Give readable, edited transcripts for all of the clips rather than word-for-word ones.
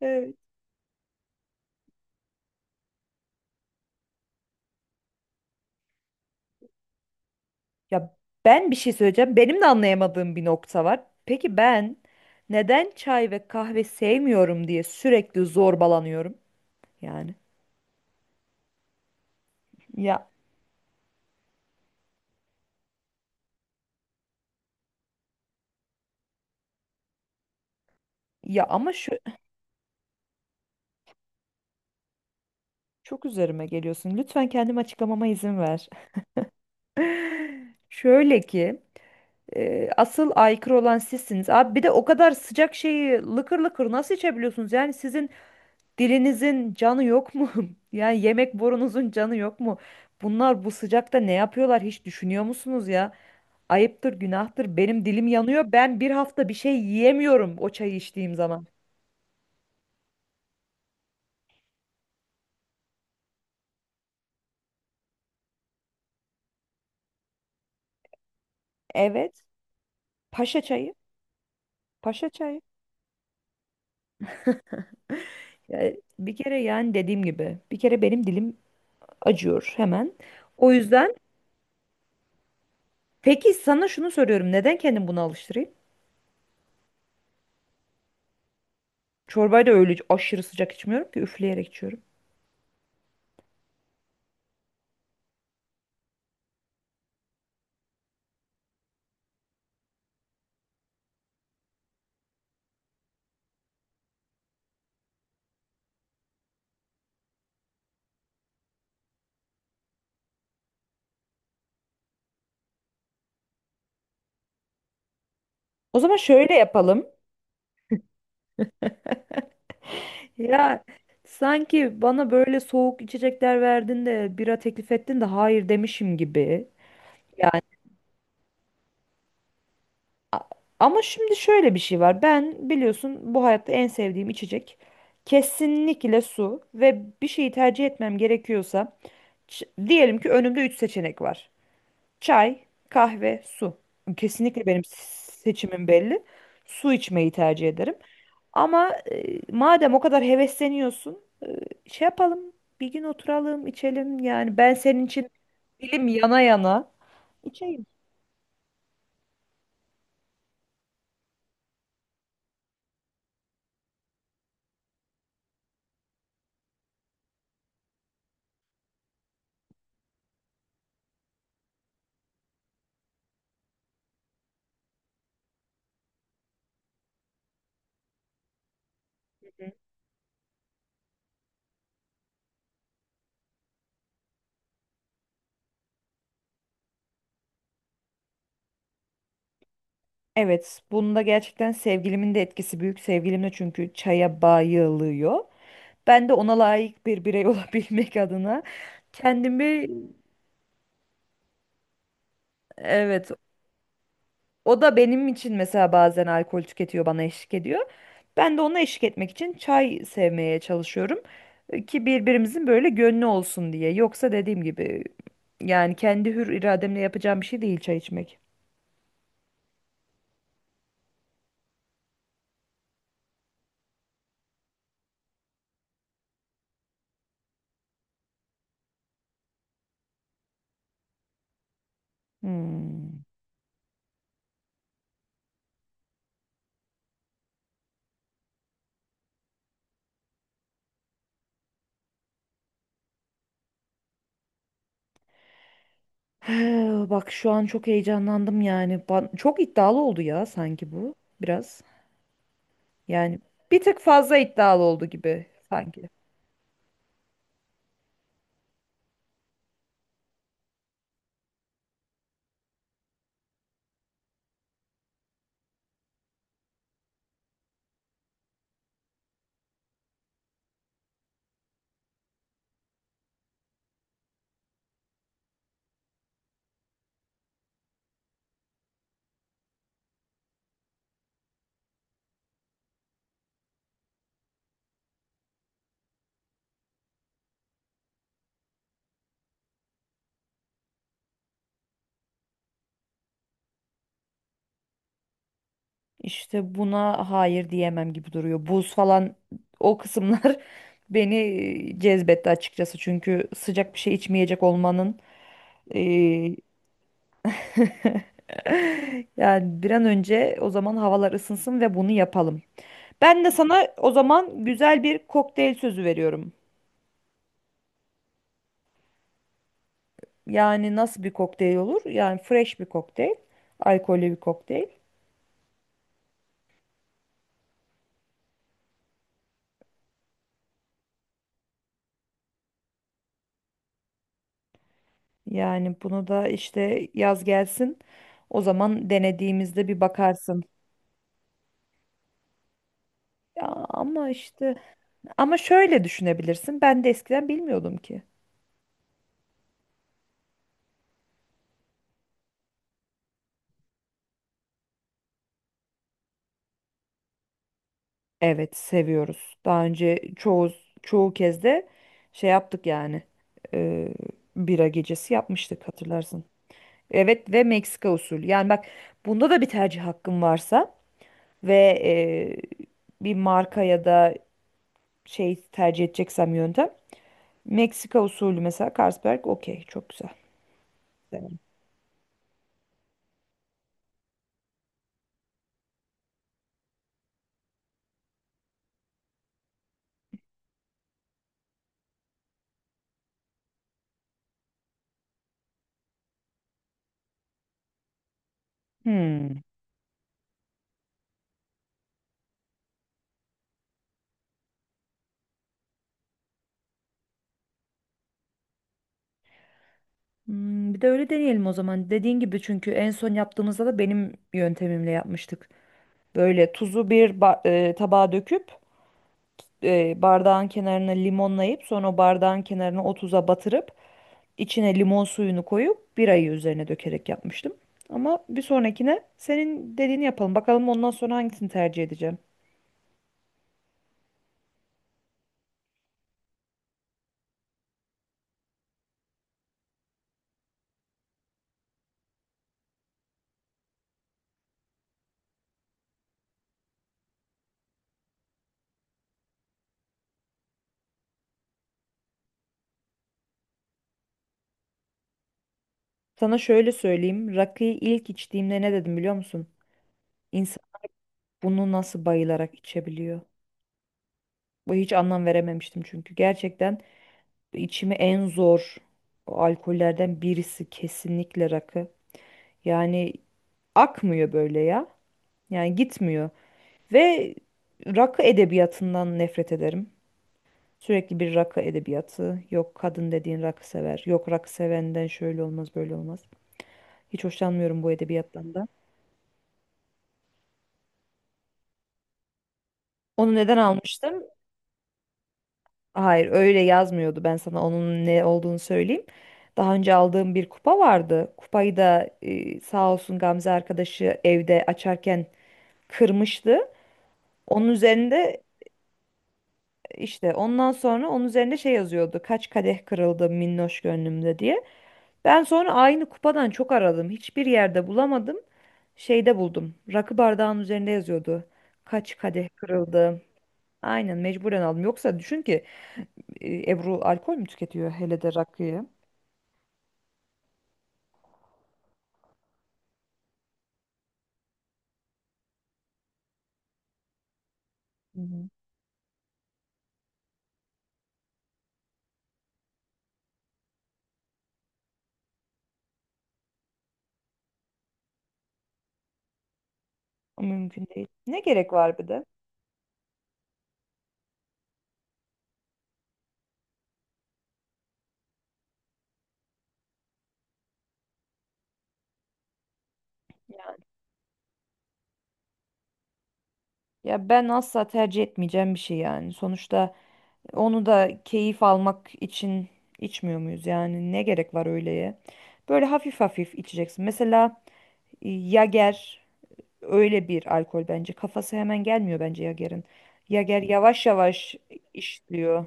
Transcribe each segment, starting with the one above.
Evet. Ya ben bir şey söyleyeceğim. Benim de anlayamadığım bir nokta var. Peki ben neden çay ve kahve sevmiyorum diye sürekli zorbalanıyorum yani. Ya ama şu çok üzerime geliyorsun. Lütfen kendimi açıklamama izin ver. Şöyle ki asıl aykırı olan sizsiniz. Abi bir de o kadar sıcak şeyi lıkır lıkır nasıl içebiliyorsunuz? Yani sizin dilinizin canı yok mu? Yani yemek borunuzun canı yok mu? Bunlar bu sıcakta ne yapıyorlar hiç düşünüyor musunuz ya? Ayıptır, günahtır. Benim dilim yanıyor. Ben bir hafta bir şey yiyemiyorum o çayı içtiğim zaman. Evet. Paşa çayı. Paşa çayı. Ya bir kere yani dediğim gibi. Bir kere benim dilim acıyor hemen. O yüzden peki sana şunu soruyorum. Neden kendimi buna alıştırayım? Çorbayı da öyle aşırı sıcak içmiyorum ki üfleyerek içiyorum. O zaman şöyle yapalım. Ya sanki bana böyle soğuk içecekler verdin de bira teklif ettin de hayır demişim gibi. Yani a- ama şimdi şöyle bir şey var. Ben biliyorsun bu hayatta en sevdiğim içecek kesinlikle su ve bir şeyi tercih etmem gerekiyorsa diyelim ki önümde 3 seçenek var. Çay, kahve, su. Kesinlikle benim seçimim belli. Su içmeyi tercih ederim. Ama madem o kadar hevesleniyorsun, şey yapalım. Bir gün oturalım, içelim. Yani ben senin için dilim yana yana içeyim. Evet, bunda gerçekten sevgilimin de etkisi büyük. Sevgilim de çünkü çaya bayılıyor. Ben de ona layık bir birey olabilmek adına kendimi, evet. O da benim için mesela bazen alkol tüketiyor, bana eşlik ediyor. Ben de ona eşlik etmek için çay sevmeye çalışıyorum, ki birbirimizin böyle gönlü olsun diye. Yoksa dediğim gibi yani kendi hür irademle yapacağım bir şey değil çay içmek. Hmm. Bak şu an çok heyecanlandım yani. Çok iddialı oldu ya sanki bu biraz. Yani bir tık fazla iddialı oldu gibi sanki. İşte buna hayır diyemem gibi duruyor. Buz falan o kısımlar beni cezbetti açıkçası. Çünkü sıcak bir şey içmeyecek olmanın eee, yani bir an önce o zaman havalar ısınsın ve bunu yapalım. Ben de sana o zaman güzel bir kokteyl sözü veriyorum. Yani nasıl bir kokteyl olur? Yani fresh bir kokteyl, alkollü bir kokteyl. Yani bunu da işte yaz gelsin. O zaman denediğimizde bir bakarsın. Ya ama işte ama şöyle düşünebilirsin. Ben de eskiden bilmiyordum ki. Evet seviyoruz. Daha önce çoğu kez de şey yaptık yani. e, Bira gecesi yapmıştık hatırlarsın. Evet ve Meksika usulü. Yani bak bunda da bir tercih hakkım varsa ve bir marka ya da şey tercih edeceksem yöntem. Meksika usulü mesela Carlsberg okey çok güzel. Evet. Hmm. Hmm, bir de öyle deneyelim o zaman. Dediğin gibi çünkü en son yaptığımızda da benim yöntemimle yapmıştık. Böyle tuzu tabağa döküp bardağın kenarına limonlayıp sonra o bardağın kenarına o tuza batırıp içine limon suyunu koyup birayı üzerine dökerek yapmıştım. Ama bir sonrakine senin dediğini yapalım. Bakalım ondan sonra hangisini tercih edeceğim. Sana şöyle söyleyeyim. Rakıyı ilk içtiğimde ne dedim biliyor musun? İnsan bunu nasıl bayılarak içebiliyor? Bu hiç anlam verememiştim çünkü gerçekten İçimi en zor alkollerden birisi kesinlikle rakı. Yani akmıyor böyle ya. Yani gitmiyor. Ve rakı edebiyatından nefret ederim. Sürekli bir rakı edebiyatı. Yok kadın dediğin rakı sever. Yok rakı sevenden şöyle olmaz böyle olmaz. Hiç hoşlanmıyorum bu edebiyattan da. Onu neden almıştım? Hayır öyle yazmıyordu. Ben sana onun ne olduğunu söyleyeyim. Daha önce aldığım bir kupa vardı. Kupayı da sağ olsun Gamze arkadaşı evde açarken kırmıştı. Onun üzerinde işte ondan sonra onun üzerinde şey yazıyordu. Kaç kadeh kırıldı minnoş gönlümde diye. Ben sonra aynı kupadan çok aradım. Hiçbir yerde bulamadım. Şeyde buldum. Rakı bardağının üzerinde yazıyordu. Kaç kadeh kırıldı. Aynen mecburen aldım. Yoksa düşün ki Ebru alkol mü tüketiyor hele de rakıyı? Hı hı. O mümkün değil. Ne gerek var bir de? Ya ben asla tercih etmeyeceğim bir şey yani. Sonuçta onu da keyif almak için içmiyor muyuz? Yani ne gerek var öyleye? Böyle hafif hafif içeceksin. Mesela Yager öyle bir alkol bence. Kafası hemen gelmiyor bence Yager'in. Yager yavaş yavaş işliyor.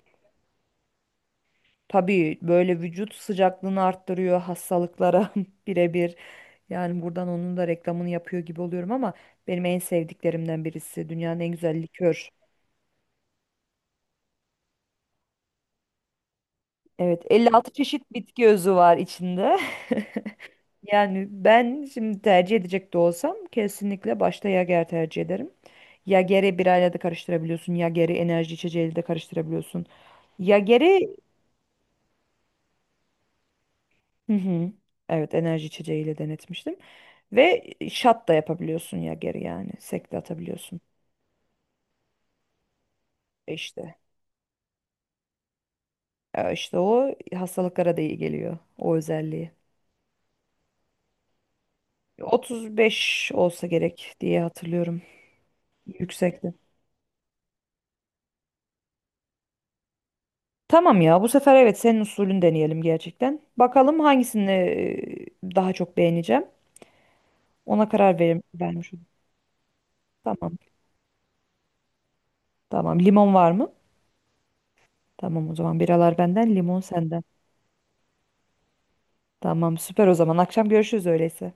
Tabii böyle vücut sıcaklığını arttırıyor hastalıklara birebir. Yani buradan onun da reklamını yapıyor gibi oluyorum ama benim en sevdiklerimden birisi. Dünyanın en güzel likör. Evet, 56 çeşit bitki özü var içinde. Yani ben şimdi tercih edecek de olsam kesinlikle başta Yager tercih ederim. Yager'i birayla da karıştırabiliyorsun. Yager'i enerji içeceğiyle de karıştırabiliyorsun. Yager'i hı hı, evet enerji içeceğiyle denetmiştim. Ve şat da yapabiliyorsun Yager'i yani. Sek de atabiliyorsun. E İşte. E işte o hastalıklara da iyi geliyor. O özelliği. 35 olsa gerek diye hatırlıyorum. Yüksekti. Tamam ya bu sefer evet senin usulünü deneyelim gerçekten. Bakalım hangisini daha çok beğeneceğim. Vermiş olayım. Tamam. Tamam. Limon var mı? Tamam o zaman biralar benden, limon senden. Tamam süper o zaman. Akşam görüşürüz öyleyse.